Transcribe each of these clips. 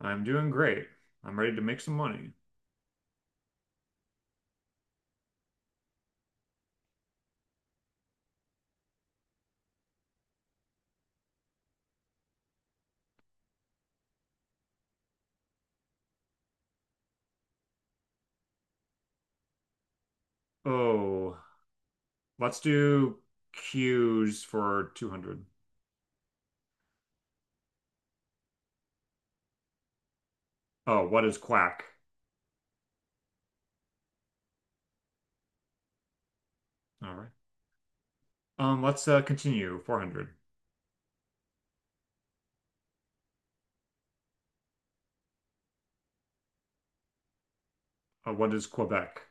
I'm doing great. I'm ready to make some money. Oh, let's do Q's for 200. Oh, what is quack? All right. Let's continue 400. What is Quebec?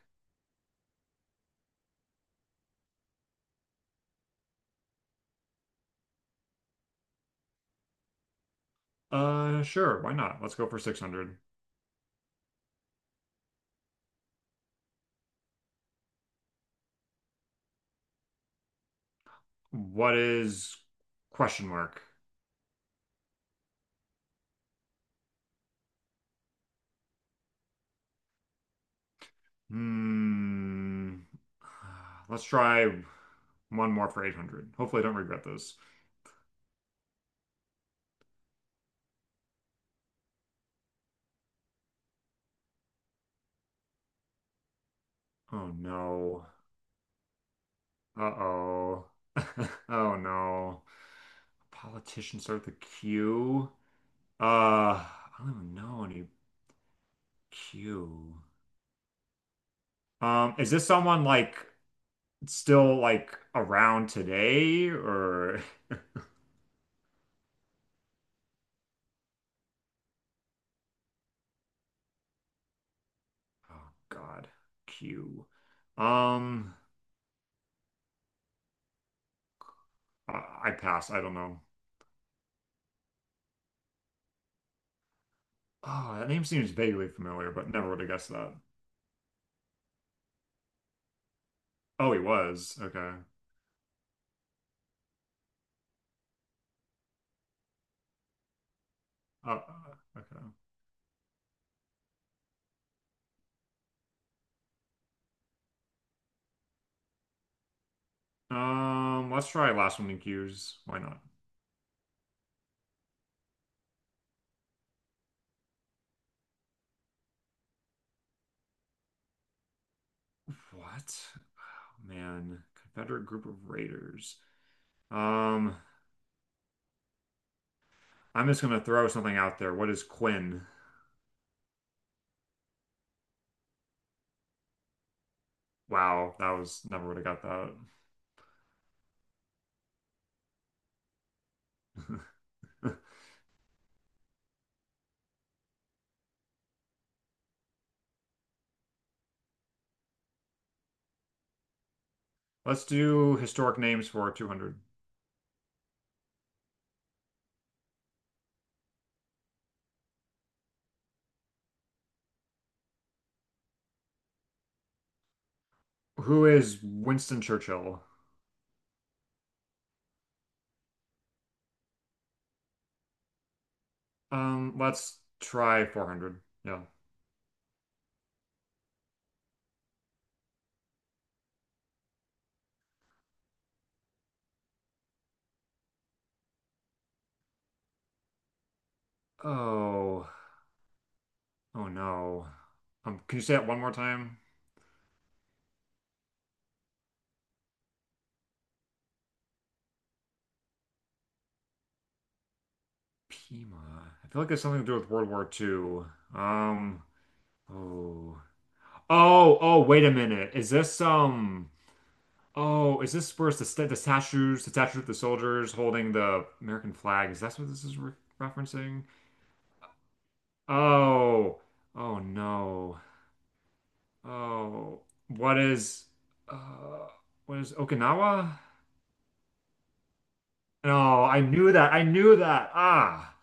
Sure, why not? Let's go for 600. What is question mark? Hmm. Let's try one more for 800. Hopefully, I don't regret this. Oh no. Uh-oh. Oh no. Politicians start with a Q. I don't even know any Q. Is this someone like still like around today or oh God, Q. Um, I pass. I don't know. Oh, that name seems vaguely familiar, but never would have guessed that. Oh, he was. Okay. Uh, uh, okay. Let's try last one in Q's. Why not? What? Oh, man. Confederate group of raiders. Um, I'm just gonna throw something out there. What is Quinn? Wow, that was never would have got that. Let's do historic names for 200. Who is Winston Churchill? Let's try 400. Yeah. Oh, oh no. Can you say that one more time? Pima. I feel like it's something to do with World War II. Um, oh. Oh, oh, wait a minute. Is this um Oh, is this where's the sta the statues, the statue of the soldiers holding the American flag? Is that what this is re referencing? Oh, oh no. Oh, what is uh what is Okinawa? No, I knew that. I knew that. Ah.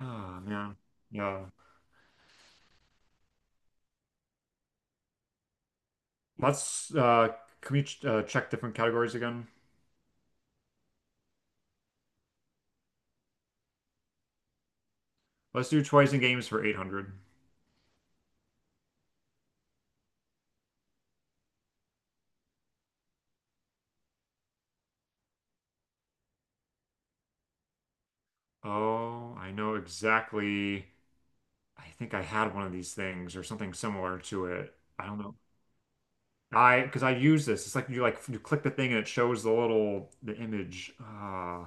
Ah, man. Yeah. Let's can we ch Check different categories again? Let's do toys and games for 800. Oh, I know exactly. I think I had one of these things or something similar to it. I don't know. I Because I use this. It's like you click the thing and it shows the image.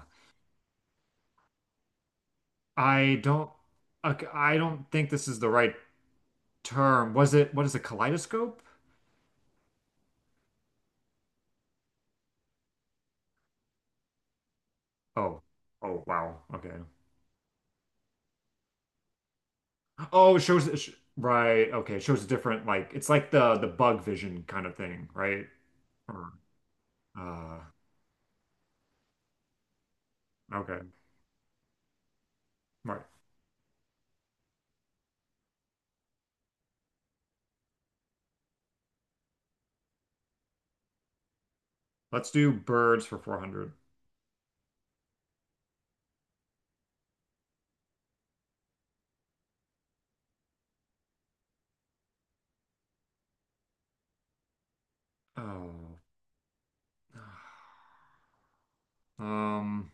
I don't. OK, I don't think this is the right term. Was it? What is a kaleidoscope? Oh. Oh wow. Okay. Oh, it shows it sh right. Okay, it shows different like it's like the bug vision kind of thing, right? Or uh okay. Right. Let's do birds for 400. Oh. Um.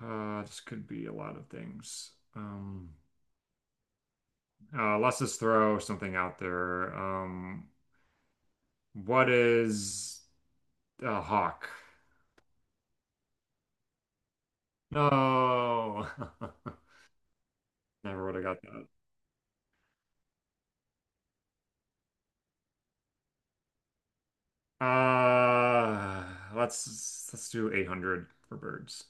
This could be a lot of things. Let's just throw something out there. What is a hawk? No, never would have got that. Uh, let's do 800 for birds.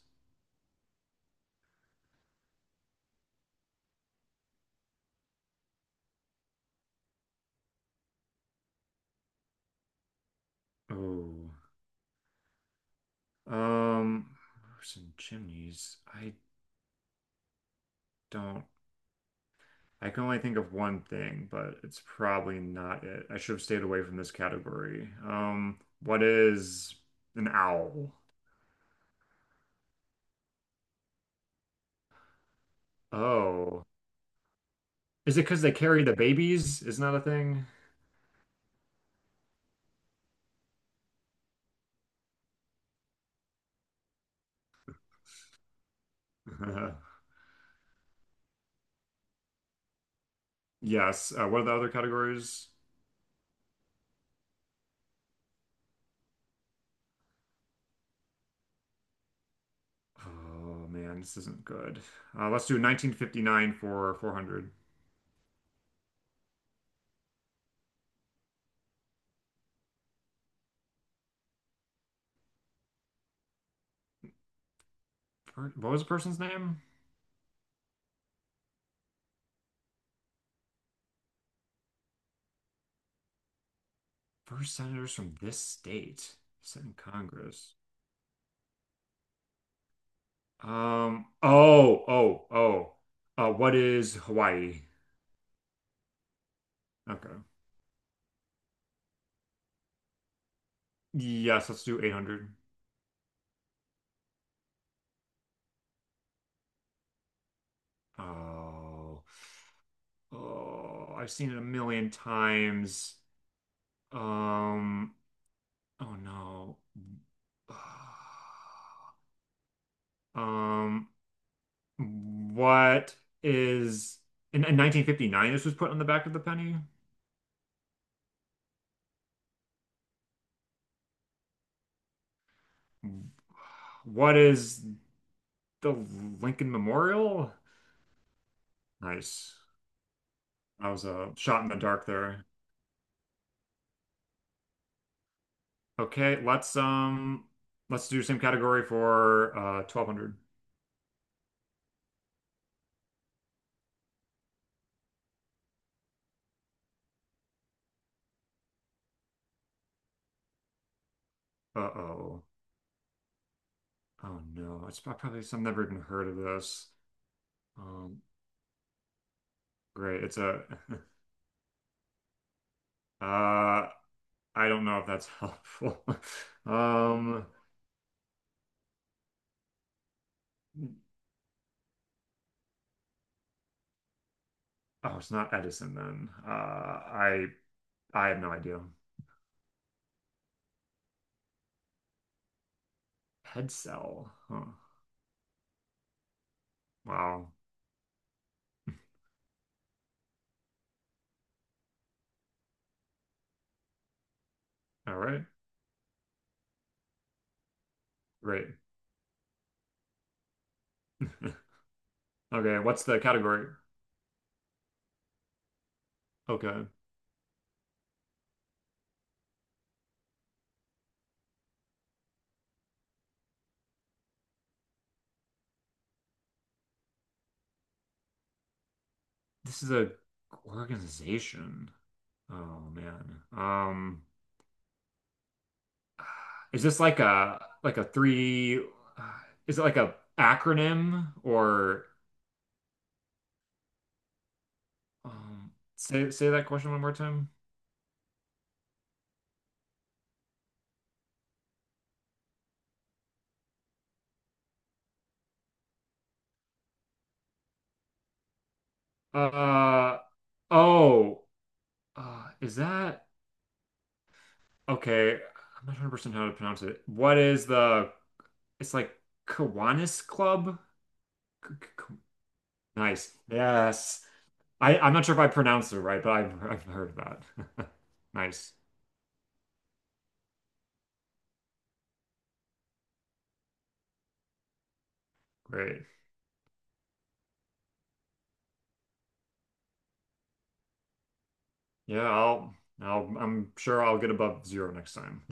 Oh, um, roofs and chimneys. I don't. I can only think of one thing, but it's probably not it. I should have stayed away from this category. What is an owl? Oh, is it because they carry the babies? Isn't that a thing? Yes. What are the other categories? Oh man, this isn't good. Let's do 1959 for 400. What was the person's name? First senators from this state sent in Congress. Oh. Oh. Oh. What is Hawaii? Okay. Yes, let's do 800. Oh, oh, I've seen it a million times. Um, oh no. Um, what is in 1959 this was put on the back of the penny? What is the Lincoln Memorial? Nice. I was a shot in the dark there. Okay, let's do the same category for 1200. Uh-oh. Oh no, it's probably some never even heard of this. Um, Great. It's a uh I don't know if that's helpful. Um oh, it's not Edison then. I have no idea. Head cell. Huh. Wow. All right. Great. Okay, what's the category? Okay. This is a organization. Oh man. Is this like a three? Uh, is it like a acronym or say that question one more time? Uh oh. Is that okay? I'm not 100% how to pronounce it. What is the? It's like Kiwanis Club. K- k- k- Nice. Yes. I'm not sure if I pronounced it right, but I've heard of that. Nice. Great. Yeah. I'm sure I'll get above zero next time.